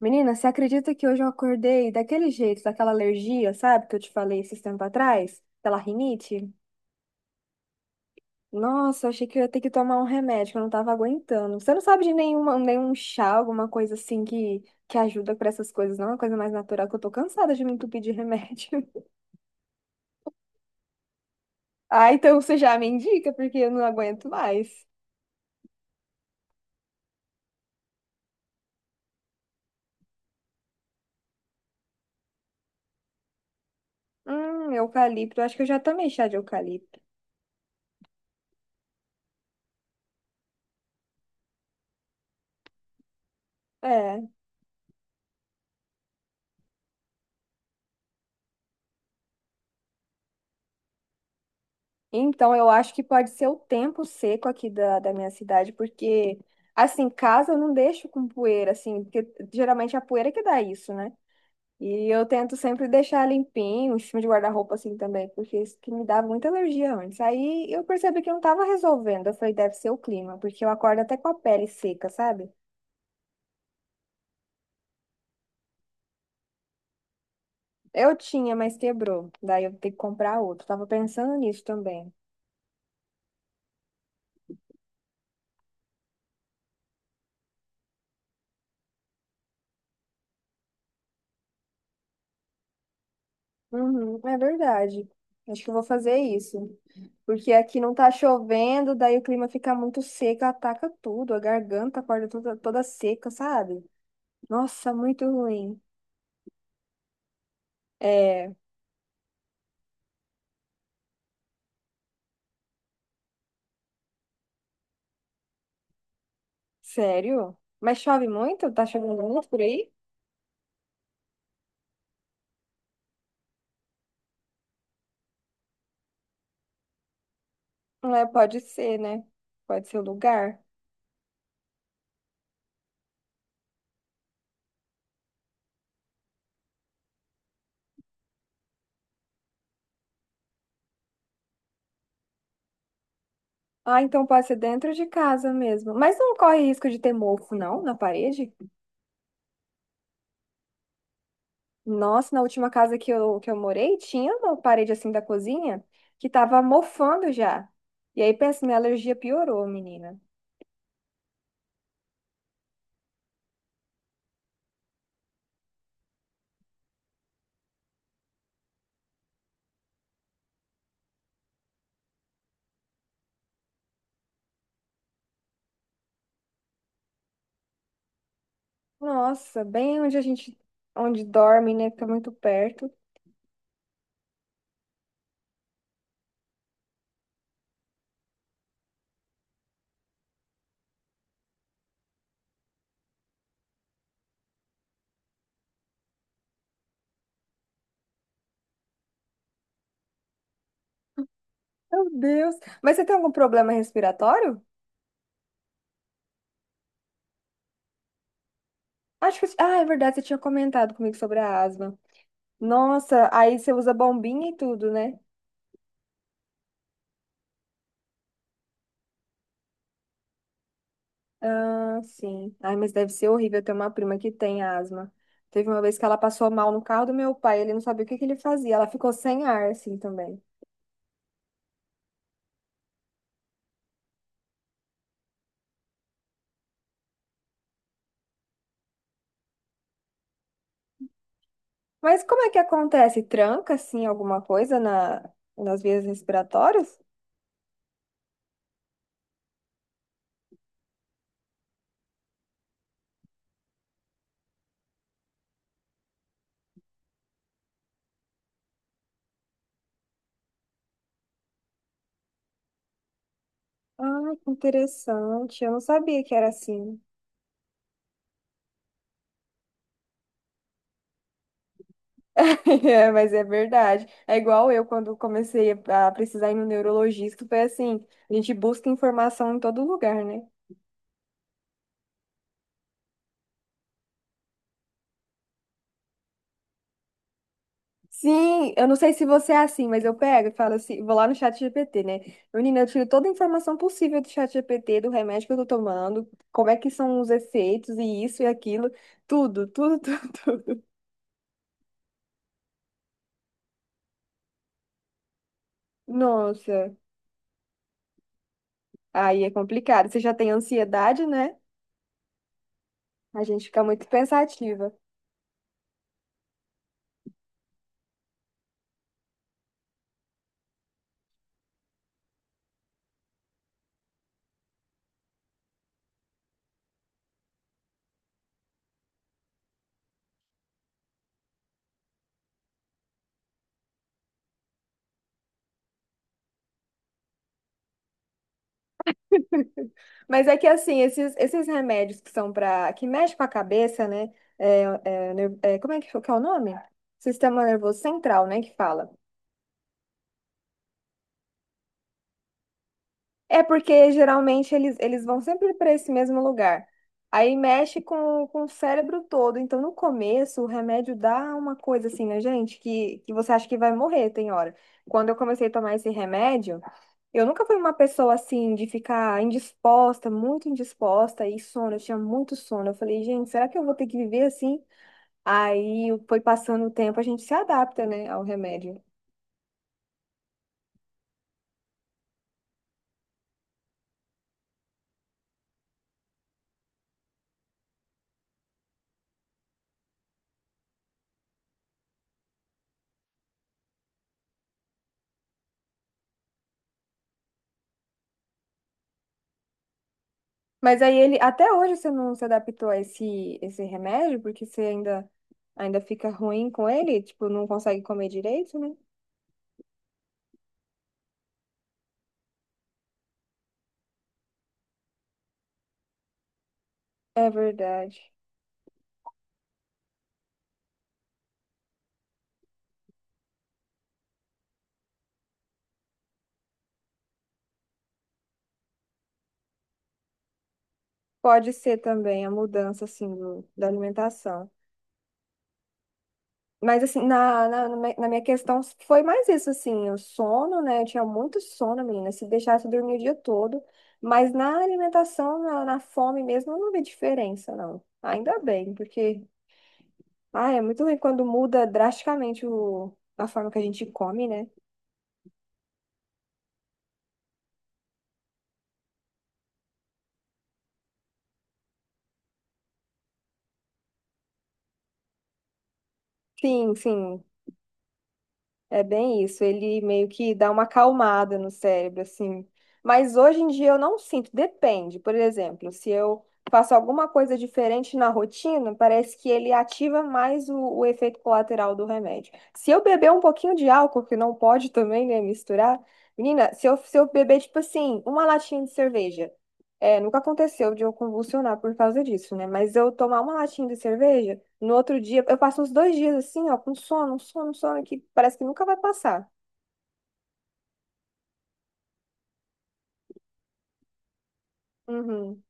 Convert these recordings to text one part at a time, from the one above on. Menina, você acredita que hoje eu acordei daquele jeito, daquela alergia, sabe, que eu te falei esses tempos atrás? Aquela rinite? Nossa, eu achei que eu ia ter que tomar um remédio, que eu não tava aguentando. Você não sabe de nenhum chá, alguma coisa assim que ajuda pra essas coisas, não? É uma coisa mais natural, que eu tô cansada de me entupir de remédio. Ah, então você já me indica, porque eu não aguento mais. Eucalipto, acho que eu já tomei chá de eucalipto. É. Então, eu acho que pode ser o tempo seco aqui da minha cidade, porque, assim, casa eu não deixo com poeira, assim, porque geralmente é a poeira que dá isso, né? E eu tento sempre deixar limpinho, em cima de guarda-roupa, assim, também, porque isso que me dava muita alergia antes. Aí eu percebi que eu não tava resolvendo. Eu falei, deve ser o clima, porque eu acordo até com a pele seca, sabe? Eu tinha, mas quebrou. Daí eu tenho que comprar outro. Tava pensando nisso também. Uhum, é verdade. Acho que eu vou fazer isso. Porque aqui não tá chovendo, daí o clima fica muito seco, ataca tudo, a garganta acorda toda, toda seca, sabe? Nossa, muito ruim. É, sério? Mas chove muito? Tá chovendo muito por aí? É, pode ser, né? Pode ser o lugar. Ah, então pode ser dentro de casa mesmo. Mas não corre risco de ter mofo, não, na parede? Nossa, na última casa que eu morei, tinha uma parede assim da cozinha que tava mofando já. E aí, pensa, minha alergia piorou, menina. Nossa, bem onde a gente, onde dorme, né? Fica muito perto. Meu Deus. Mas você tem algum problema respiratório? Acho que, ah, é verdade, você tinha comentado comigo sobre a asma. Nossa, aí você usa bombinha e tudo, né? Ah, sim. Ai, mas deve ser horrível ter uma prima que tem asma. Teve uma vez que ela passou mal no carro do meu pai, ele não sabia o que que ele fazia. Ela ficou sem ar, assim, também. Mas como é que acontece? Tranca, assim, alguma coisa nas vias respiratórias? Ah, que interessante. Eu não sabia que era assim. É, mas é verdade. É igual eu, quando comecei a precisar ir no neurologista, foi assim, a gente busca informação em todo lugar, né? Sim, eu não sei se você é assim, mas eu pego e falo assim, vou lá no chat GPT, né? Menina, eu tiro toda a informação possível do chat GPT, do remédio que eu tô tomando, como é que são os efeitos e isso e aquilo, tudo, tudo, tudo, tudo. Nossa, aí é complicado. Você já tem ansiedade, né? A gente fica muito pensativa. Mas é que assim, esses remédios que são para que mexe com a cabeça, né? É, é, é, como é que é o nome? Sistema nervoso central, né? Que fala. É porque geralmente eles vão sempre para esse mesmo lugar. Aí mexe com o cérebro todo. Então, no começo, o remédio dá uma coisa assim, né, gente? Que você acha que vai morrer, tem hora. Quando eu comecei a tomar esse remédio, eu nunca fui uma pessoa assim, de ficar indisposta, muito indisposta, e sono. Eu tinha muito sono. Eu falei, gente, será que eu vou ter que viver assim? Aí foi passando o tempo, a gente se adapta, né, ao remédio. Mas aí ele, até hoje você não se adaptou a esse remédio, porque você ainda fica ruim com ele, tipo, não consegue comer direito, né? É verdade. Pode ser também a mudança, assim, do, da alimentação. Mas, assim, na minha questão foi mais isso, assim, o sono, né? Eu tinha muito sono, menina, se deixasse eu dormir o dia todo. Mas na alimentação, na fome mesmo, eu não vi diferença, não. Ainda bem, porque Ah, é muito ruim quando muda drasticamente o a forma que a gente come, né? Sim, sim. É bem isso, ele meio que dá uma acalmada no cérebro, assim. Mas hoje em dia eu não sinto, depende. Por exemplo, se eu faço alguma coisa diferente na rotina, parece que ele ativa mais o efeito colateral do remédio. Se eu beber um pouquinho de álcool, que não pode também, né, misturar, menina, se eu beber, tipo assim, uma latinha de cerveja, é, nunca aconteceu de eu convulsionar por causa disso, né? Mas eu tomar uma latinha de cerveja. No outro dia, eu passo uns dois dias assim, ó, com sono, um sono, um sono, que parece que nunca vai passar. Uhum.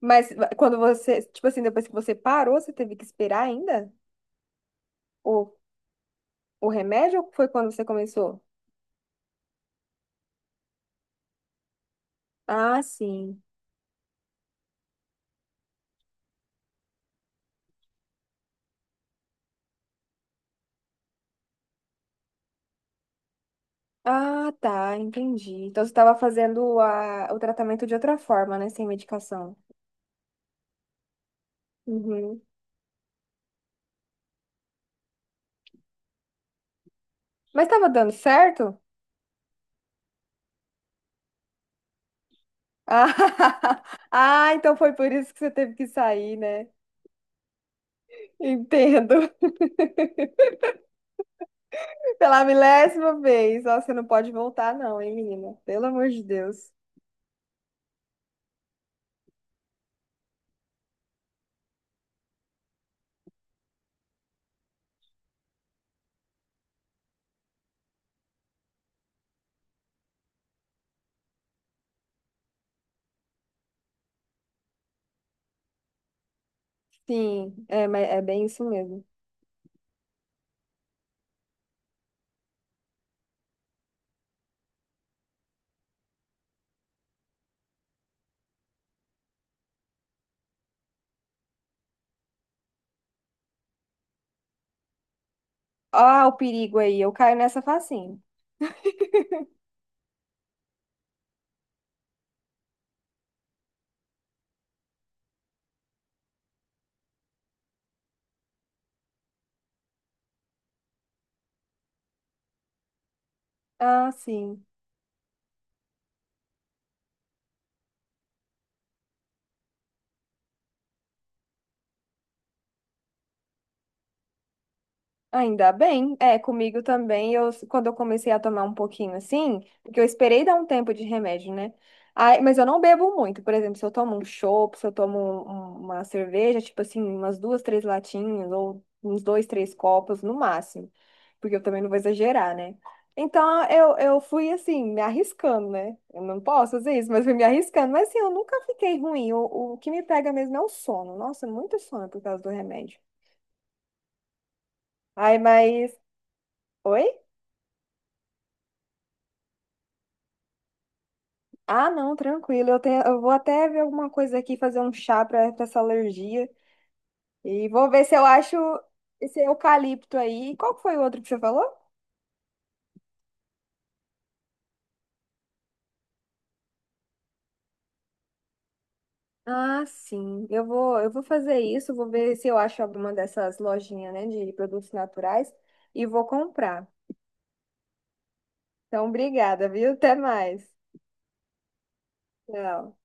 Mas quando você, tipo assim, depois que você parou, você teve que esperar ainda o, o remédio ou foi quando você começou? Ah, sim. Ah, tá, entendi. Então você estava fazendo a, o tratamento de outra forma, né? Sem medicação. Uhum. Mas estava dando certo? Ah, ah, então foi por isso que você teve que sair, né? Entendo. Pela milésima vez. Ó, você não pode voltar, não, hein, menina? Pelo amor de Deus. Sim, é, mas é bem isso mesmo. Ó, o perigo aí. Eu caio nessa facinho. Ah, sim. Ainda bem, é, comigo também, eu, quando eu comecei a tomar um pouquinho assim, porque eu esperei dar um tempo de remédio, né? Aí, mas eu não bebo muito, por exemplo, se eu tomo um chopp, se eu tomo um- um, uma cerveja, tipo assim, umas duas, três latinhas, ou uns dois, três copos no máximo, porque eu também não vou exagerar, né? Então, eu fui assim, me arriscando, né? Eu não posso fazer isso, mas fui me arriscando. Mas assim, eu nunca fiquei ruim. O que me pega mesmo é o sono. Nossa, muito sono por causa do remédio. Ai, mas. Oi? Ah, não, tranquilo. Eu tenho, eu vou até ver alguma coisa aqui, fazer um chá para essa alergia. E vou ver se eu acho esse eucalipto aí. Qual que foi o outro que você falou? Ah, sim. Eu vou fazer isso, vou ver se eu acho alguma dessas lojinhas, né, de produtos naturais e vou comprar. Então, obrigada, viu? Até mais. Tchau.